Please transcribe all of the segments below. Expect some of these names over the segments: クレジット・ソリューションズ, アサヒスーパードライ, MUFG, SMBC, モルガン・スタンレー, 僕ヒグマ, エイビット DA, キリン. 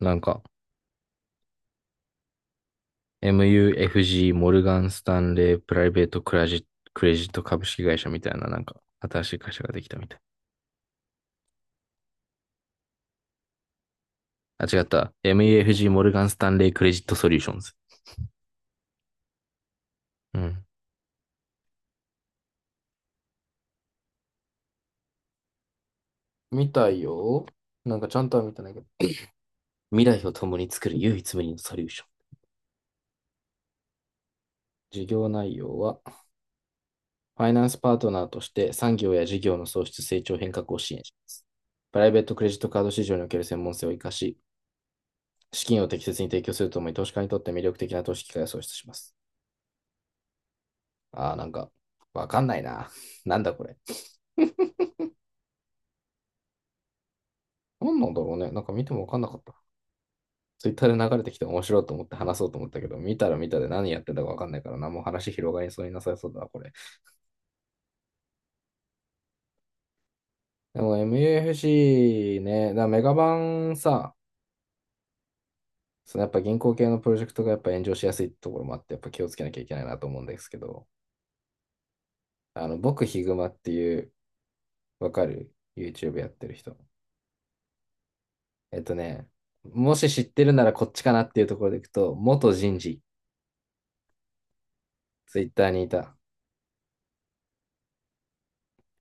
なんか、MUFG、モルガン・スタンレー、プライベートクラジット、クレジット株式会社みたいな、なんか、新しい会社ができたみたい。あ、違った。MUFG、モルガン・スタンレー、クレジット・ソリューションズ。うん。見たいよ。なんかちゃんとは見てないけど。未来を共に作る唯一無二のソリューション。事業内容は、ファイナンスパートナーとして産業や事業の創出成長変革を支援します。プライベートクレジットカード市場における専門性を生かし、資金を適切に提供するとともに投資家にとって魅力的な投資機会を創出します。ああ、なんか、わかんないな。なんだこれ。なんなんだろうね。なんか見てもわかんなかった。ツイッターで流れてきて面白いと思って話そうと思ったけど、見たら見たで何やってたかわかんないからな、何もう話広がりそうになさそうだな、これ。でも MUFC ね、だからメガバンさ、そのやっぱ銀行系のプロジェクトがやっぱ炎上しやすいところもあって、やっぱ気をつけなきゃいけないなと思うんですけど、あの、僕ヒグマっていう、わかる？ YouTube やってる人。えっとね、もし知ってるならこっちかなっていうところでいくと、元人事、ツイッターにいた。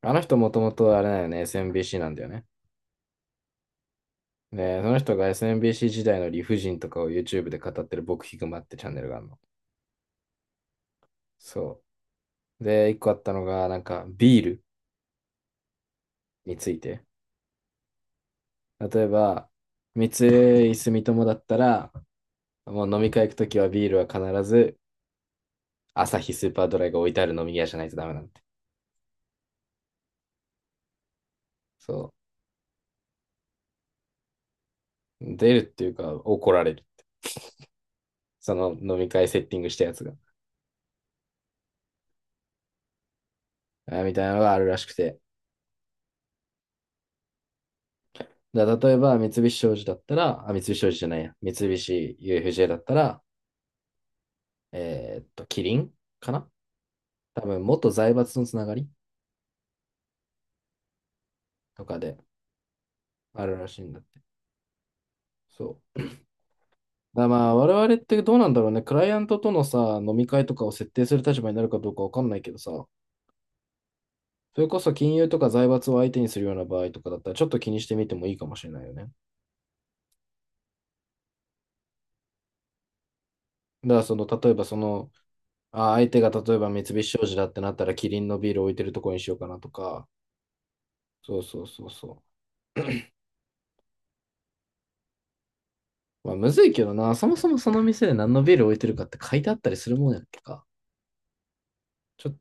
あの人もともとあれだよね、SMBC なんだよね。で、その人が SMBC 時代の理不尽とかを YouTube で語ってる僕ヒグマってチャンネルがあるの。そう。で、一個あったのが、なんかビールについて。例えば、三井住友だったら、もう飲み会行くときはビールは必ず、アサヒスーパードライが置いてある飲み屋じゃないとダメなんて。そう。出るっていうか、怒られる。その飲み会セッティングしたやつが。あみたいなのがあるらしくて。だから例えば、三菱商事だったら、あ、三菱商事じゃないや。三菱 UFJ だったら、キリンかな、多分、元財閥のつながりとかであるらしいんだって。そう。だからまあ、我々ってどうなんだろうね。クライアントとのさ、飲み会とかを設定する立場になるかどうかわかんないけどさ、それこそ金融とか財閥を相手にするような場合とかだったら、ちょっと気にしてみてもいいかもしれないよね。だから、その、例えばその、あ、相手が例えば三菱商事だってなったら、キリンのビール置いてるとこにしようかなとか、そうそうそうそう。まあ、むずいけどな、そもそもその店で何のビール置いてるかって書いてあったりするもんやっけか。ちょっ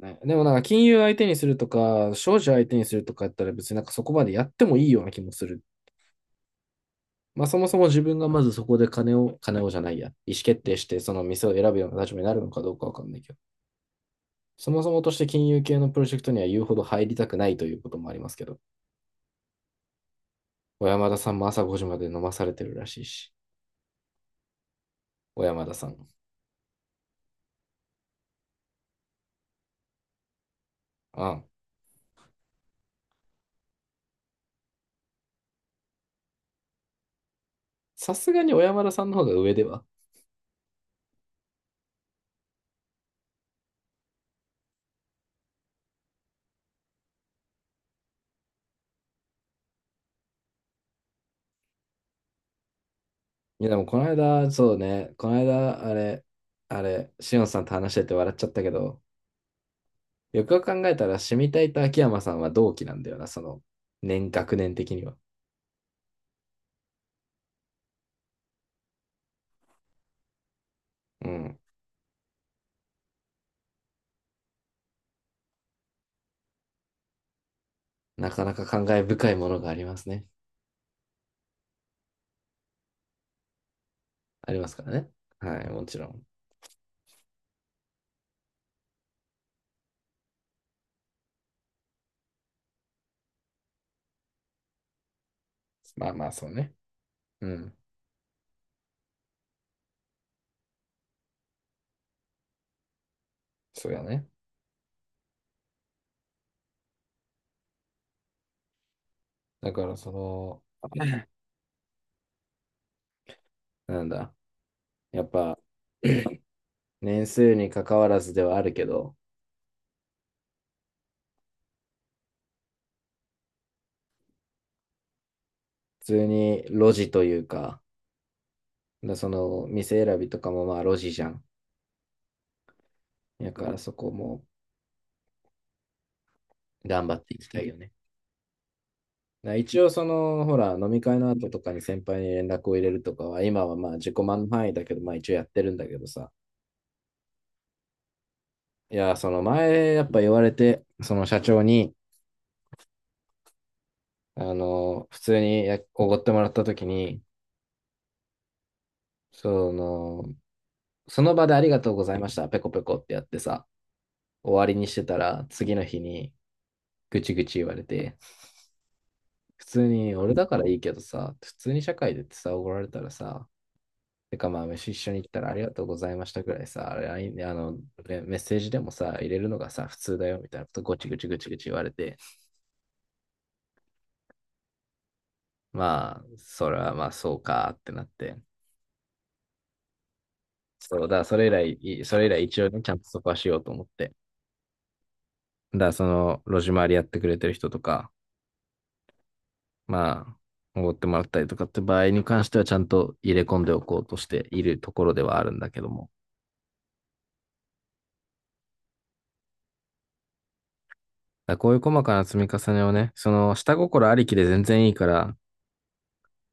とね。でもなんか金融相手にするとか、商事相手にするとかやったら別になんかそこまでやってもいいような気もする。まあそもそも自分がまずそこで金を、金をじゃないや、意思決定してその店を選ぶような立場になるのかどうかわかんないけど、そもそもとして金融系のプロジェクトには言うほど入りたくないということもありますけど、小山田さんも朝5時まで飲まされてるらしいし、小山田さん。ああ、さすがに小山田さんの方が上では。いや、でもこの間、そうね、この間、あれ、あれ、しおんさんと話してて笑っちゃったけど、よくよく考えたら、シミタイと秋山さんは同期なんだよな、その、年、学年的には。うん。なかなか感慨深いものがありますね。ありますからね。はい、もちろん。まあまあ、そうね。うん。そうやね。だから、その、なんだ、やっぱ、年数に関わらずではあるけど、普通に路地というか、だその店選びとかもまあ路地じゃん。だからそこも頑張っていきたいよね。だから一応その、ほら、飲み会の後とかに先輩に連絡を入れるとかは、今はまあ自己満の範囲だけど、まあ一応やってるんだけどさ。いや、その前やっぱ言われて、その社長に、あの、普通にやおごってもらった時に、その、その場でありがとうございました、ペコペコってやってさ、終わりにしてたら、次の日にぐちぐち言われて、普通に俺だからいいけどさ、普通に社会でってさ、おごられたらさ、てかまあ飯一緒に行ったらありがとうございましたぐらいさ、ラインであのねメッセージでもさ、入れるのがさ、普通だよみたいなことごちごちごちごち言われて、まあ、それはまあそうかってなって、そう、だからそれ以来、一応ね、ちゃんとそこはしようと思って、だからその路地回りやってくれてる人とか、まあ、おごってもらったりとかって場合に関してはちゃんと入れ込んでおこうとしているところではあるんだけども。だこういう細かな積み重ねをね、その下心ありきで全然いいから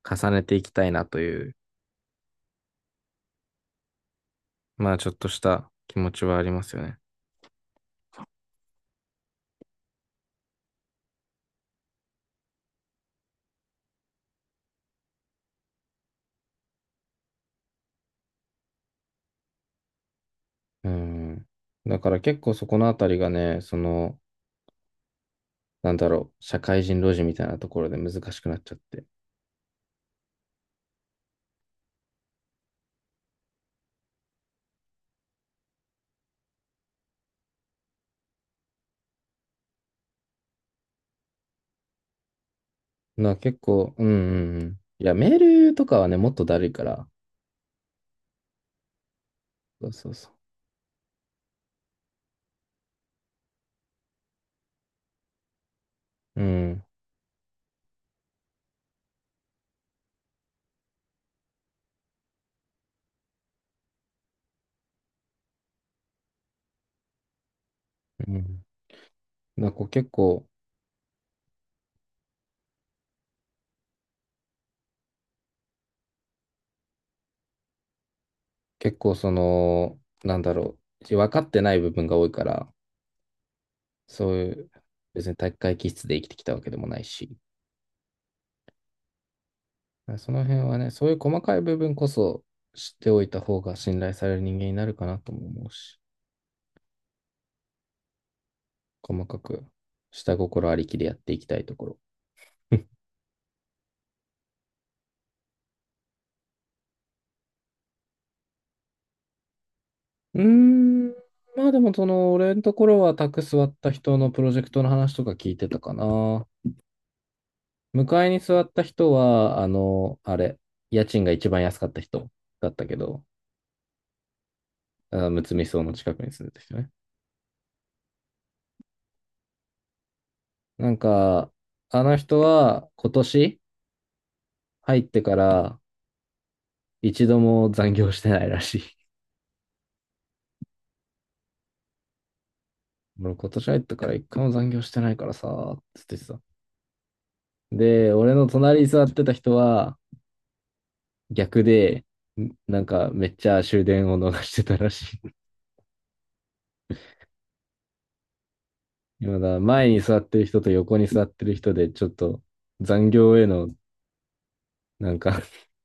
重ねていきたいなという、まあちょっとした気持ちはありますよね。うん。だから結構そこのあたりがね、その、なんだろう、社会人路地みたいなところで難しくなっちゃって。な、結構、うんうんうん。いや、メールとかはね、もっとだるいから。そうそうそう。うん。うん。なんかこう結構、結構その、なんだろう、分かってない部分が多いから、そういう、別に体育会気質で生きてきたわけでもないし。その辺はね、そういう細かい部分こそ知っておいた方が信頼される人間になるかなとも思うし、細かく下心ありきでやっていきたいところ。うーん、まあでもその、俺のところは宅座った人のプロジェクトの話とか聞いてたかな。迎えに座った人は、あの、あれ、家賃が一番安かった人だったけど、あ、むつみ荘の近くに住んでた人ね。なんか、あの人は今年入ってから一度も残業してないらしい。俺今年入ったから一回も残業してないからさ、つってさ。で、俺の隣に座ってた人は逆で、なんかめっちゃ終電を逃してたらしい。今だ、前に座ってる人と横に座ってる人で、ちょっと残業への、なんか、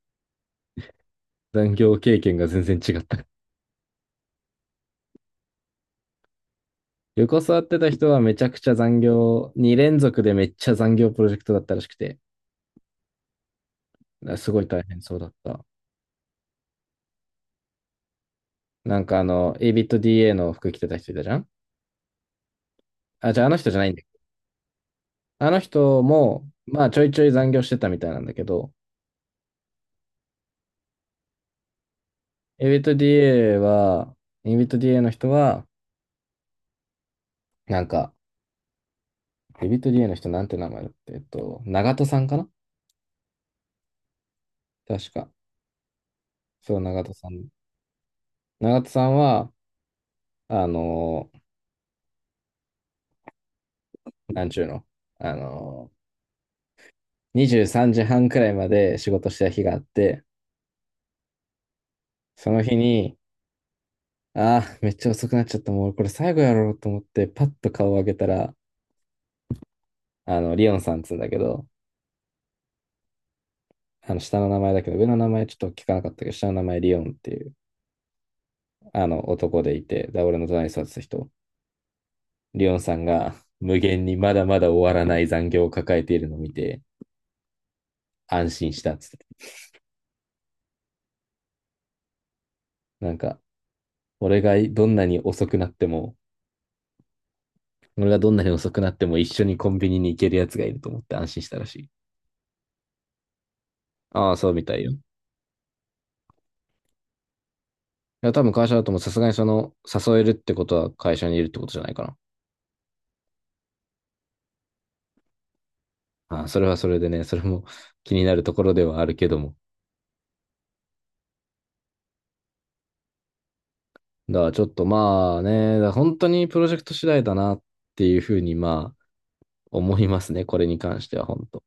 残業経験が全然違った。横座ってた人はめちゃくちゃ残業、2連続でめっちゃ残業プロジェクトだったらしくて、すごい大変そうだった。なんかあの、エイビット DA の服着てた人いたじゃん。あ、じゃああの人じゃないんだ。あの人も、まあちょいちょい残業してたみたいなんだけど、エビと DA は、エビと DA の人は、なんか、エビと DA の人なんて名前だって、長戸さんかな、確か。そう、長戸さん。長戸さんは、あのーなんちゅうの、あのー、23時半くらいまで仕事してた日があって、その日に、ああ、めっちゃ遅くなっちゃった。もうこれ最後やろうと思って、パッと顔を上げたら、あの、リオンさんっつうんだけど、あの下の名前だけど、上の名前ちょっと聞かなかったけど、下の名前リオンっていう、あの男でいて、で、俺の隣に座ってた人、リオンさんが無限にまだまだ終わらない残業を抱えているのを見て、安心したっつって、なんか、俺がどんなに遅くなっても、俺がどんなに遅くなっても一緒にコンビニに行けるやつがいると思って安心したらしい。ああ、そうみたいよ。いや、多分会社だともさすがにその、誘えるってことは会社にいるってことじゃないかな。ああ、それはそれでね、それも気になるところではあるけども、だからちょっとまあね、だから本当にプロジェクト次第だなっていうふうにまあ思いますね、これに関しては本当。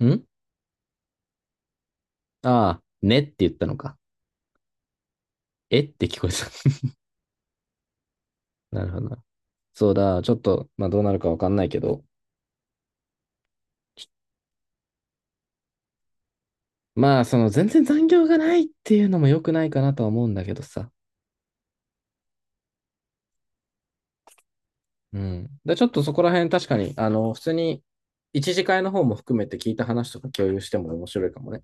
んああ、ねって言ったのか。えって聞こえた。なるほどな。そうだ、ちょっとまあどうなるかわかんないけど。まあその全然残業がないっていうのも良くないかなとは思うんだけどさ。うん。で、ちょっとそこら辺確かに、あの、普通に一次会の方も含めて聞いた話とか共有しても面白いかもね。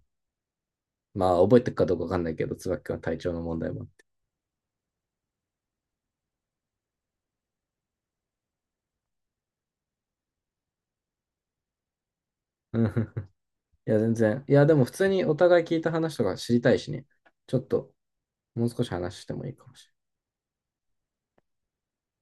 まあ覚えてるかどうかわかんないけど、椿君は体調の問題もあって。うん、いや、全然。いや、でも普通にお互い聞いた話とか知りたいしね。ちょっと、もう少し話してもいいかもしれない。